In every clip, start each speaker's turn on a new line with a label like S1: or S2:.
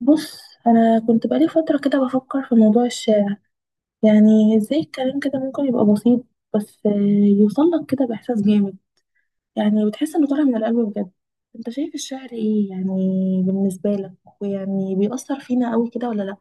S1: بص، انا كنت بقالي فتره كده بفكر في موضوع الشعر. يعني ازاي الكلام كده ممكن يبقى بسيط، بس يوصل لك كده باحساس جامد. يعني بتحس انه طالع من القلب بجد. انت شايف الشعر ايه يعني؟ بالنسبه لك، ويعني بيأثر فينا قوي كده ولا لا؟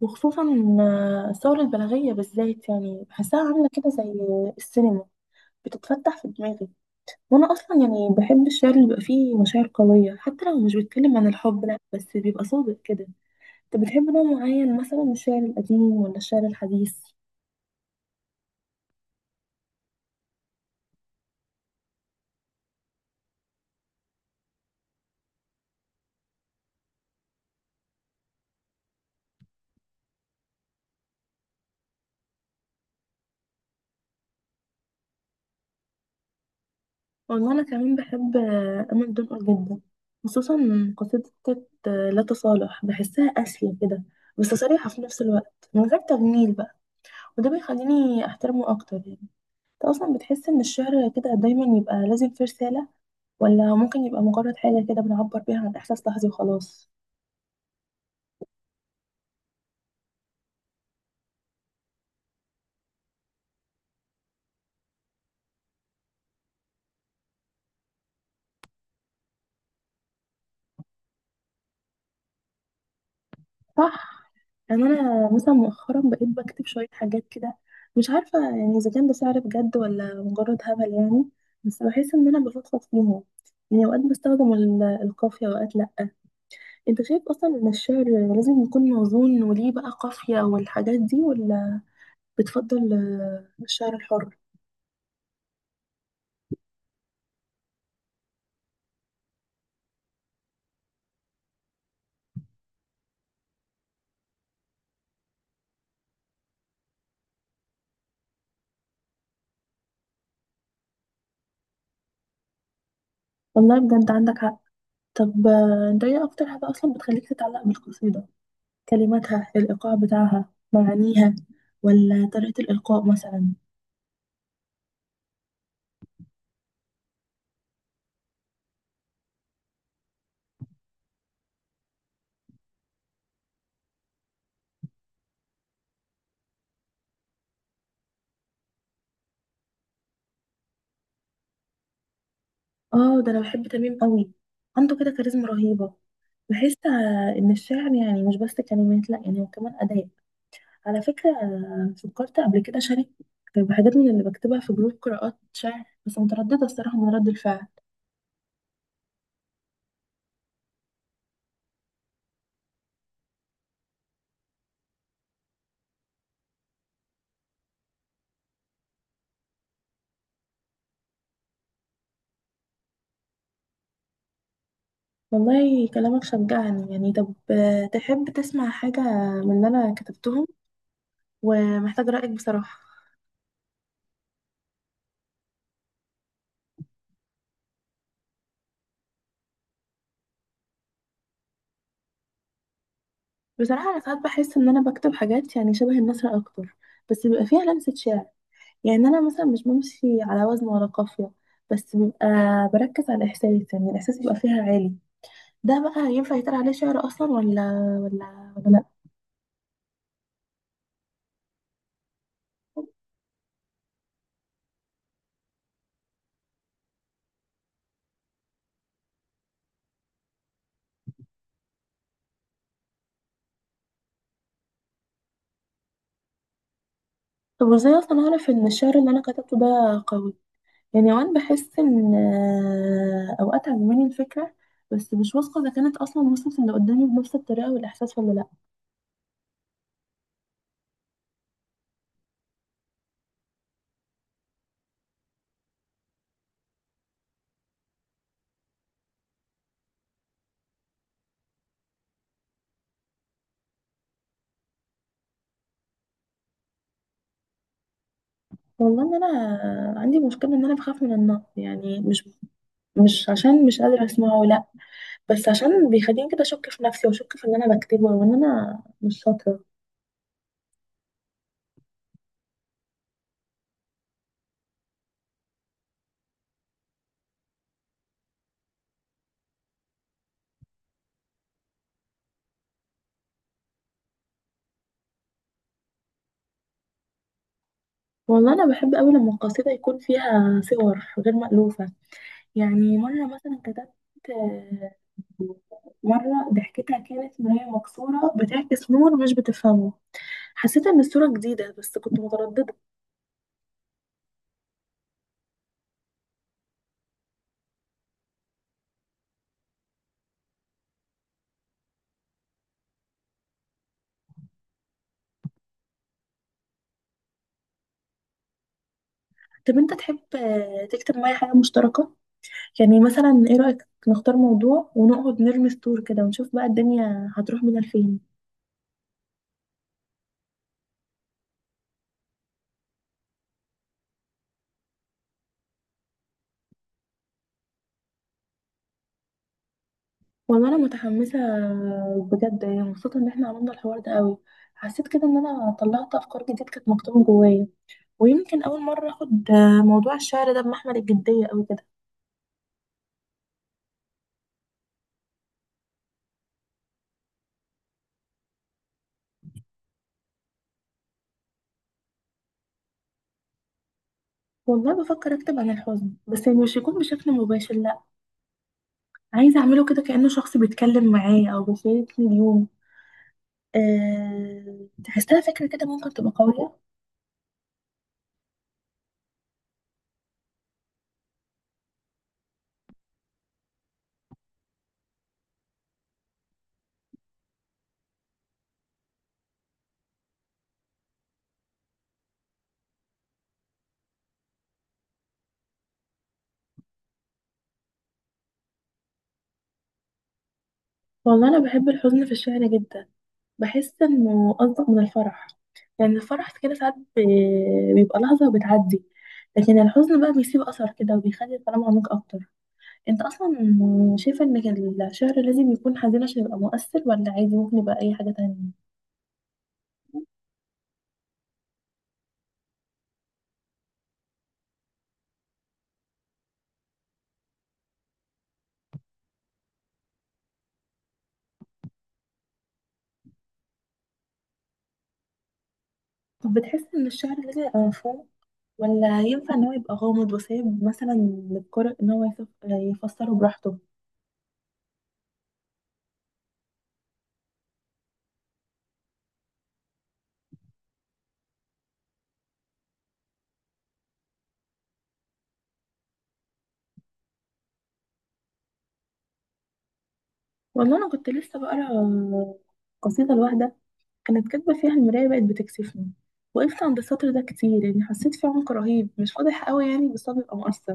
S1: وخصوصا الثوره البلاغيه بالذات، يعني بحسها عامله كده زي السينما بتتفتح في دماغي. وانا اصلا يعني بحب الشعر اللي بيبقى فيه مشاعر قويه، حتى لو مش بيتكلم عن الحب لا، بس بيبقى صادق كده. انت بتحب نوع معين مثلا من الشعر القديم ولا الشعر الحديث؟ والله انا كمان بحب امل دنقل جدا. خصوصا قصيدة لا تصالح، بحسها قاسية كده بس صريحة في نفس الوقت من غير تجميل بقى. وده بيخليني احترمه اكتر يعني. انت اصلا بتحس ان الشعر كده دايما يبقى لازم فيه رسالة، ولا ممكن يبقى مجرد حاجة كده بنعبر بيها عن احساس لحظي وخلاص؟ صح. يعني انا مثلا مؤخرا بقيت بكتب شويه حاجات كده، مش عارفه يعني اذا كان ده سعر بجد ولا مجرد هبل يعني. بس بحس ان انا بفضفض فيهم. يعني اوقات بستخدم القافيه واوقات لا. انت شايف اصلا ان الشعر لازم يكون موزون وليه بقى قافيه والحاجات دي، ولا بتفضل الشعر الحر؟ والله بجد عندك حق. طب انت ايه اكتر حاجه اصلا بتخليك تتعلق بالقصيده؟ كلماتها، الايقاع بتاعها، معانيها، ولا طريقه الالقاء مثلا؟ اه، ده انا بحب تميم قوي. عنده كده كاريزما رهيبة. بحس ان الشعر يعني مش بس كلمات لا، يعني هو كمان اداء. على فكرة فكرت قبل كده شارك بحاجات من اللي بكتبها في جروب قراءات شعر، بس مترددة الصراحة من رد الفعل. والله كلامك شجعني يعني. طب تحب تسمع حاجة من اللي انا كتبتهم ومحتاج رأيك بصراحة؟ بصراحة انا ساعات بحس ان انا بكتب حاجات يعني شبه النثر اكتر، بس بيبقى فيها لمسة شعر. يعني انا مثلا مش بمشي على وزن ولا قافيه، بس بيبقى بركز على الاحساس، يعني الاحساس يبقى فيها عالي. ده بقى ينفع يتقال عليه شعر اصلا ولا ولا لا؟ طب وازاي اصلا اعرف ان الشعر اللي انا كتبته ده قوي؟ يعني اوقات بحس ان اوقات عجباني الفكره، بس مش واثقه اذا كانت اصلا وصلت اللي قدامي بنفس الطريقه والاحساس ولا لا. والله ان انا عندي مشكله، ان انا بخاف من النقد، يعني مش عشان مش قادره اسمعه لا، بس عشان بيخليني كده اشك في نفسي واشك في اللي انا بكتبه وان انا مش شاطره. والله انا بحب قوي لما القصيده يكون فيها صور غير مألوفه. يعني مره مثلا كتبت، آه، مره ضحكتها كانت مرايه مكسوره بتعكس نور مش بتفهمه. حسيت ان الصوره جديده بس كنت متردده. طب انت تحب تكتب معايا حاجه مشتركه؟ يعني مثلا ايه رأيك نختار موضوع ونقعد نرمي سطور كده ونشوف بقى الدنيا هتروح بينا لفين؟ والله انا متحمسه بجد، يعني مبسوطه ان احنا عملنا الحوار ده قوي. حسيت كده ان انا طلعت افكار جديده كانت مكتومه جوايا. ويمكن اول مره اخد موضوع الشعر ده بمحمل الجديه قوي كده. والله بفكر اكتب عن الحزن، بس يعني مش يكون بشكل مباشر لا، عايزه اعمله كده كانه شخص بيتكلم معايا او بيشاركني اليوم. تحسها فكره كده ممكن تبقى قويه؟ والله انا بحب الحزن في الشعر جدا. بحس انه انطق من الفرح. يعني الفرح كده ساعات بيبقى لحظة وبتعدي، لكن الحزن بقى بيسيب أثر كده وبيخلي الكلام عميق أكتر. أنت أصلا شايفة إن الشعر لازم يكون حزين عشان يبقى مؤثر، ولا عادي ممكن يبقى أي حاجة تانية؟ طب بتحس إن الشعر لازم يبقى مفهوم، ولا ينفع إن هو يبقى غامض وسايب مثلا للقارئ إن هو يفسره براحته؟ والله أنا كنت لسه بقرا قصيدة لواحدة، كانت كاتبة فيها المراية بقت بتكسفني. وقفت عند السطر ده كتير، يعني حسيت فيه عمق رهيب، مش واضح قوي يعني بس هو بيبقى مؤثر.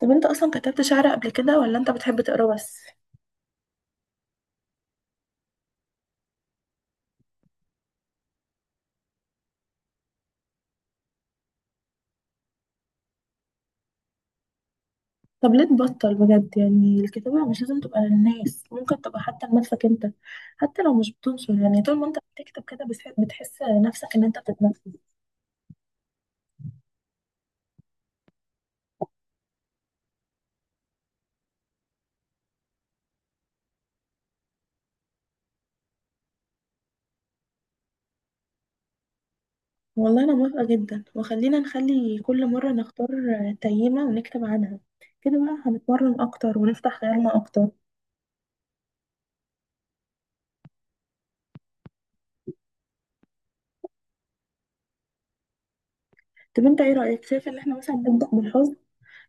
S1: طب انت اصلا كتبت شعر قبل كده ولا انت بتحب تقرا بس؟ طب ليه تبطل بجد؟ يعني الكتابة مش لازم تبقى للناس، ممكن تبقى حتى لنفسك انت. حتى لو مش بتنشر، يعني طول ما انت بتكتب كده بتحس نفسك ان انت بتتنفس. والله انا موافقة جدا. وخلينا نخلي كل مرة نختار تيمة ونكتب عنها. كده بقى هنتمرن اكتر ونفتح خيالنا اكتر. طب انت ايه رأيك، شايف ان احنا مثلا نبدأ بالحزن؟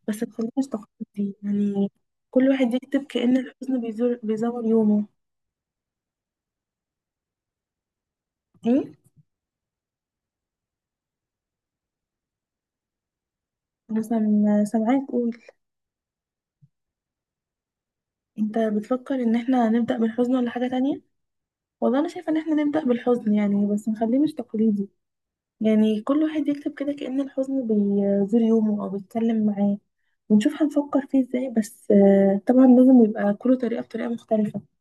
S1: بس متخليناش تقليدي يعني، كل واحد يكتب كأن الحزن بيزور يومه. ايه؟ مثلا سامعاك تقول انت بتفكر ان احنا نبدأ بالحزن ولا حاجة تانية. والله انا شايفة ان احنا نبدأ بالحزن، يعني بس نخليه مش تقليدي. يعني كل واحد يكتب كده كأن الحزن بيزور يومه او بيتكلم معاه، ونشوف هنفكر فيه ازاي. بس طبعا لازم يبقى كل طريقة بطريقة مختلفة.